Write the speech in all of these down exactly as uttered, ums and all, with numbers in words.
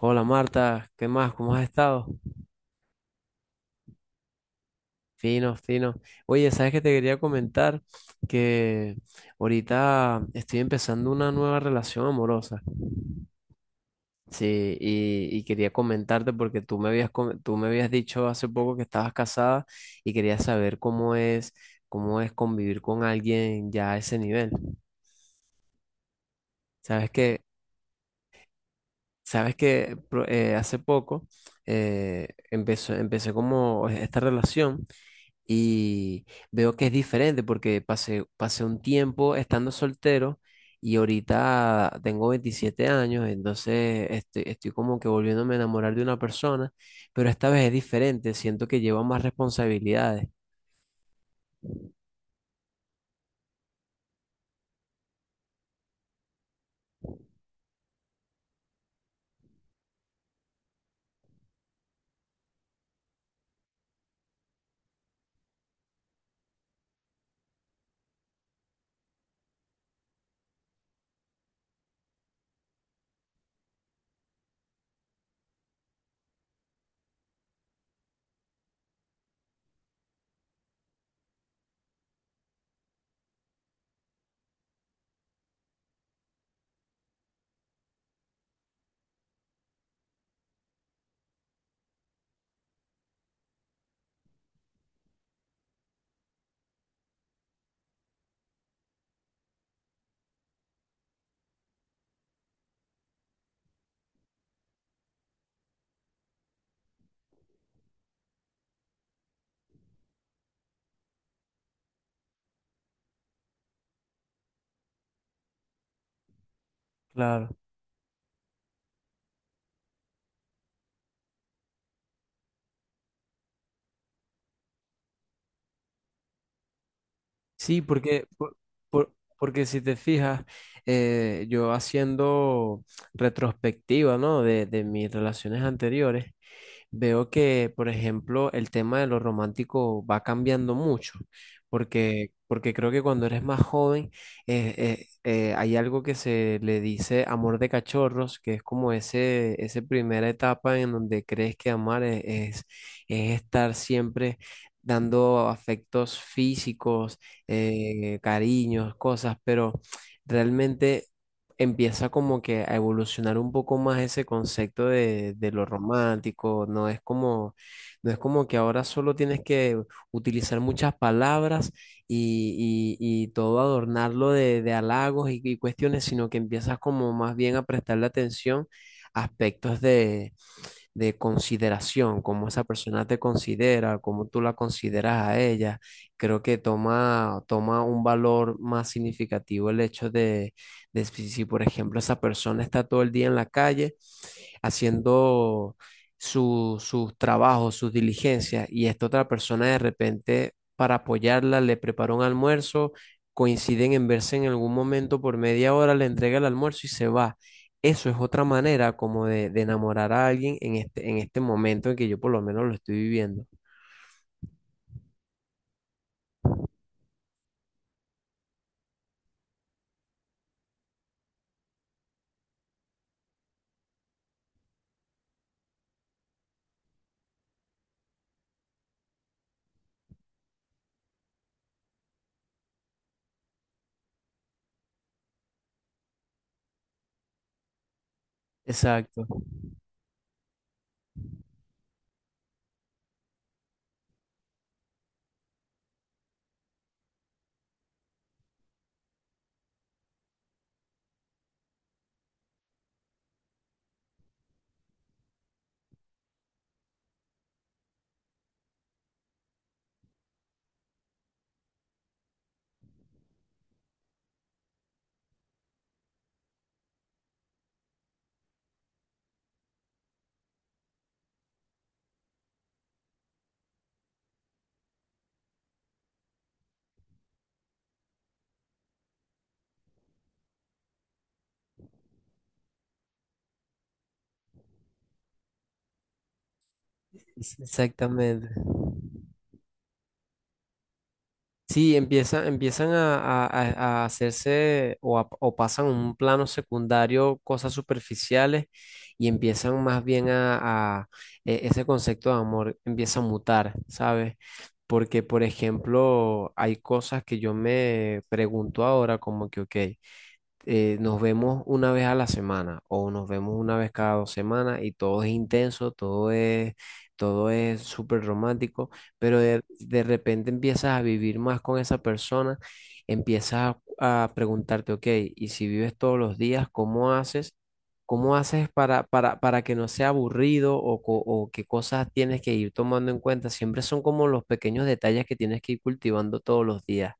Hola Marta, ¿qué más? ¿Cómo has estado? Fino, fino. Oye, ¿sabes qué te quería comentar? Que ahorita estoy empezando una nueva relación amorosa. Sí, y, y quería comentarte porque tú me habías, com- tú me habías dicho hace poco que estabas casada y quería saber cómo es, cómo es convivir con alguien ya a ese nivel. Sabes que, sabes que pro- eh, hace poco eh, empezó, empecé como esta relación. Y veo que es diferente porque pasé, pasé un tiempo estando soltero y ahorita tengo veintisiete años, entonces estoy, estoy como que volviéndome a enamorar de una persona, pero esta vez es diferente, siento que lleva más responsabilidades. Claro. Sí, porque, por- por- porque si te fijas, eh, yo haciendo retrospectiva, ¿no? De, de mis relaciones anteriores, veo que, por ejemplo, el tema de lo romántico va cambiando mucho, porque, porque creo que cuando eres más joven eh, eh, eh, hay algo que se le dice amor de cachorros, que es como ese, esa primera etapa en donde crees que amar es, es, es estar siempre dando afectos físicos, eh, cariños, cosas, pero realmente empieza como que a evolucionar un poco más ese concepto de, de lo romántico. No es como, no es como que ahora solo tienes que utilizar muchas palabras y, y- y todo adornarlo de, de halagos y, y cuestiones, sino que empiezas como más bien a prestarle atención a aspectos de, de consideración, cómo esa persona te considera, cómo tú la consideras a ella. Creo que toma, toma un valor más significativo el hecho de de si, si, por ejemplo, esa persona está todo el día en la calle haciendo su- sus trabajos, sus diligencias, y esta otra persona de repente, para apoyarla, le prepara un almuerzo, coinciden en verse en algún momento por media hora, le entrega el almuerzo y se va. Eso es otra manera como de, de enamorar a alguien en este, en este momento en que yo por lo menos lo estoy viviendo. Exacto, es- exactamente. Sí, empiezan, empiezan a, a- a- a hacerse, o, a- o pasan a un plano secundario cosas superficiales y empiezan más bien a, a- e- ese concepto de amor empieza a mutar, ¿sabes? Porque, por ejemplo, hay cosas que yo me pregunto ahora como que, ok, eh, nos vemos una vez a la semana o nos vemos una vez cada dos semanas y todo es intenso, todo es, todo es súper romántico, pero de, de repente empiezas a vivir más con esa persona, empiezas a, a preguntarte, ok, y si vives todos los días, ¿cómo haces? ¿Cómo haces para, para, para que no sea aburrido, o, co- o qué cosas tienes que ir tomando en cuenta? Siempre son como los pequeños detalles que tienes que ir cultivando todos los días.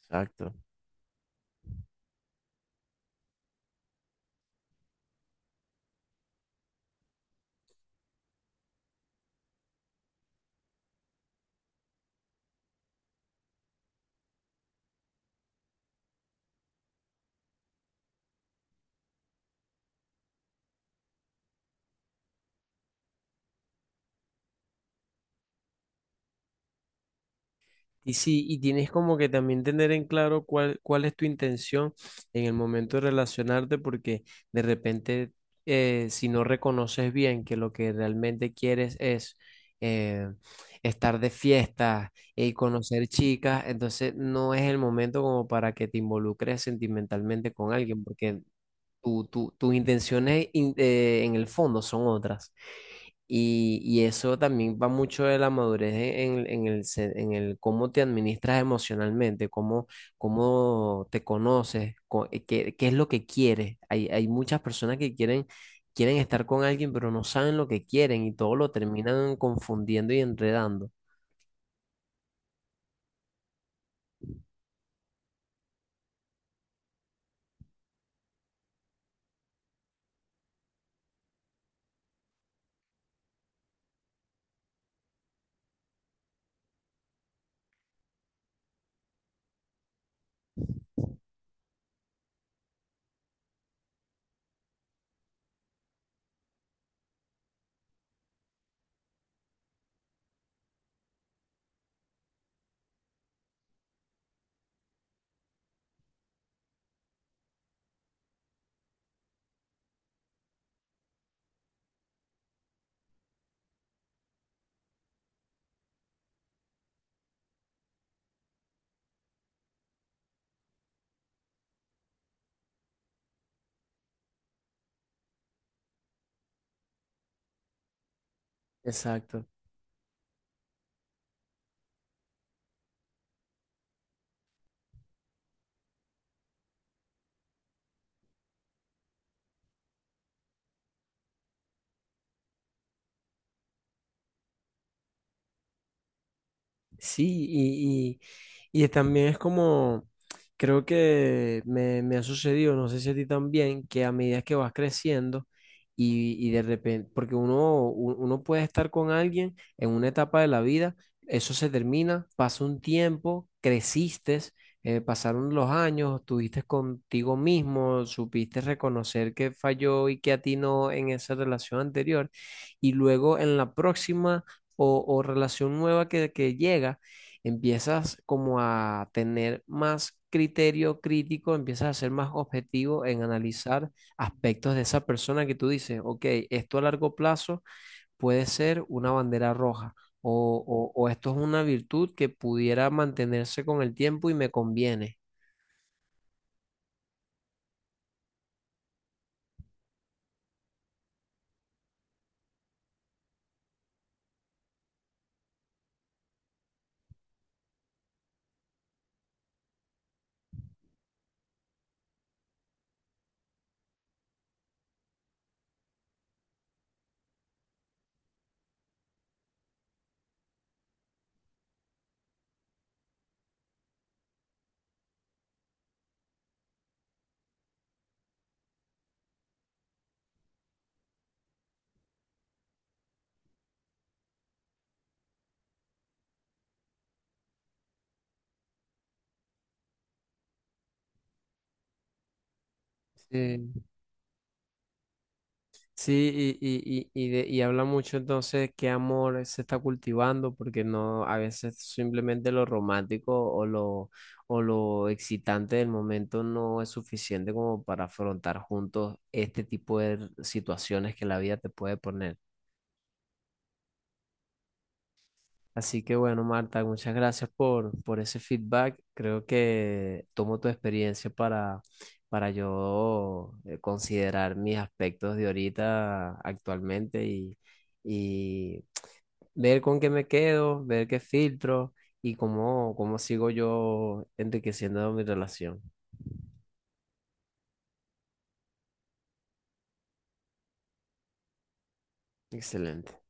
Exacto. Y sí, y tienes como que también tener en claro cuál, cuál es tu intención en el momento de relacionarte, porque de repente, eh, si no reconoces bien que lo que realmente quieres es eh, estar de fiesta y conocer chicas, entonces no es el momento como para que te involucres sentimentalmente con alguien, porque tu, tu- tus intenciones in- eh, en el fondo son otras. Y, y eso también va mucho de la madurez en, en- en el, se- en el cómo te administras emocionalmente, cómo, cómo te conoces, co- eh, qué, qué es lo que quieres. Hay, hay muchas personas que quieren, quieren estar con alguien, pero no saben lo que quieren y todo lo terminan confundiendo y enredando. Exacto. Sí, y, y, y también es como, creo que me, me ha sucedido, no sé si a ti también, que a medida que vas creciendo y, y de repente, porque uno, u- uno puede estar con alguien en una etapa de la vida, eso se termina, pasa un tiempo, creciste, eh, pasaron los años, estuviste contigo mismo, supiste reconocer que falló y que atinó en esa relación anterior, y luego en la próxima o, o relación nueva que, que llega, empiezas como a tener más criterio crítico, empiezas a ser más objetivo en analizar aspectos de esa persona que tú dices, ok, esto a largo plazo puede ser una bandera roja. O, o o esto es una virtud que pudiera mantenerse con el tiempo y me conviene. Sí. Sí, y, y, y, y de- y habla mucho entonces qué amor se está cultivando, porque no, a veces simplemente lo romántico o lo, o lo excitante del momento no es suficiente como para afrontar juntos este tipo de r- situaciones que la vida te puede poner. Así que bueno, Marta, muchas gracias por, por ese feedback. Creo que tomo tu experiencia para, para yo eh, considerar mis aspectos de ahorita actualmente y y ver con qué me quedo, ver qué filtro y cómo, cómo sigo yo enriqueciendo mi relación. Excelente.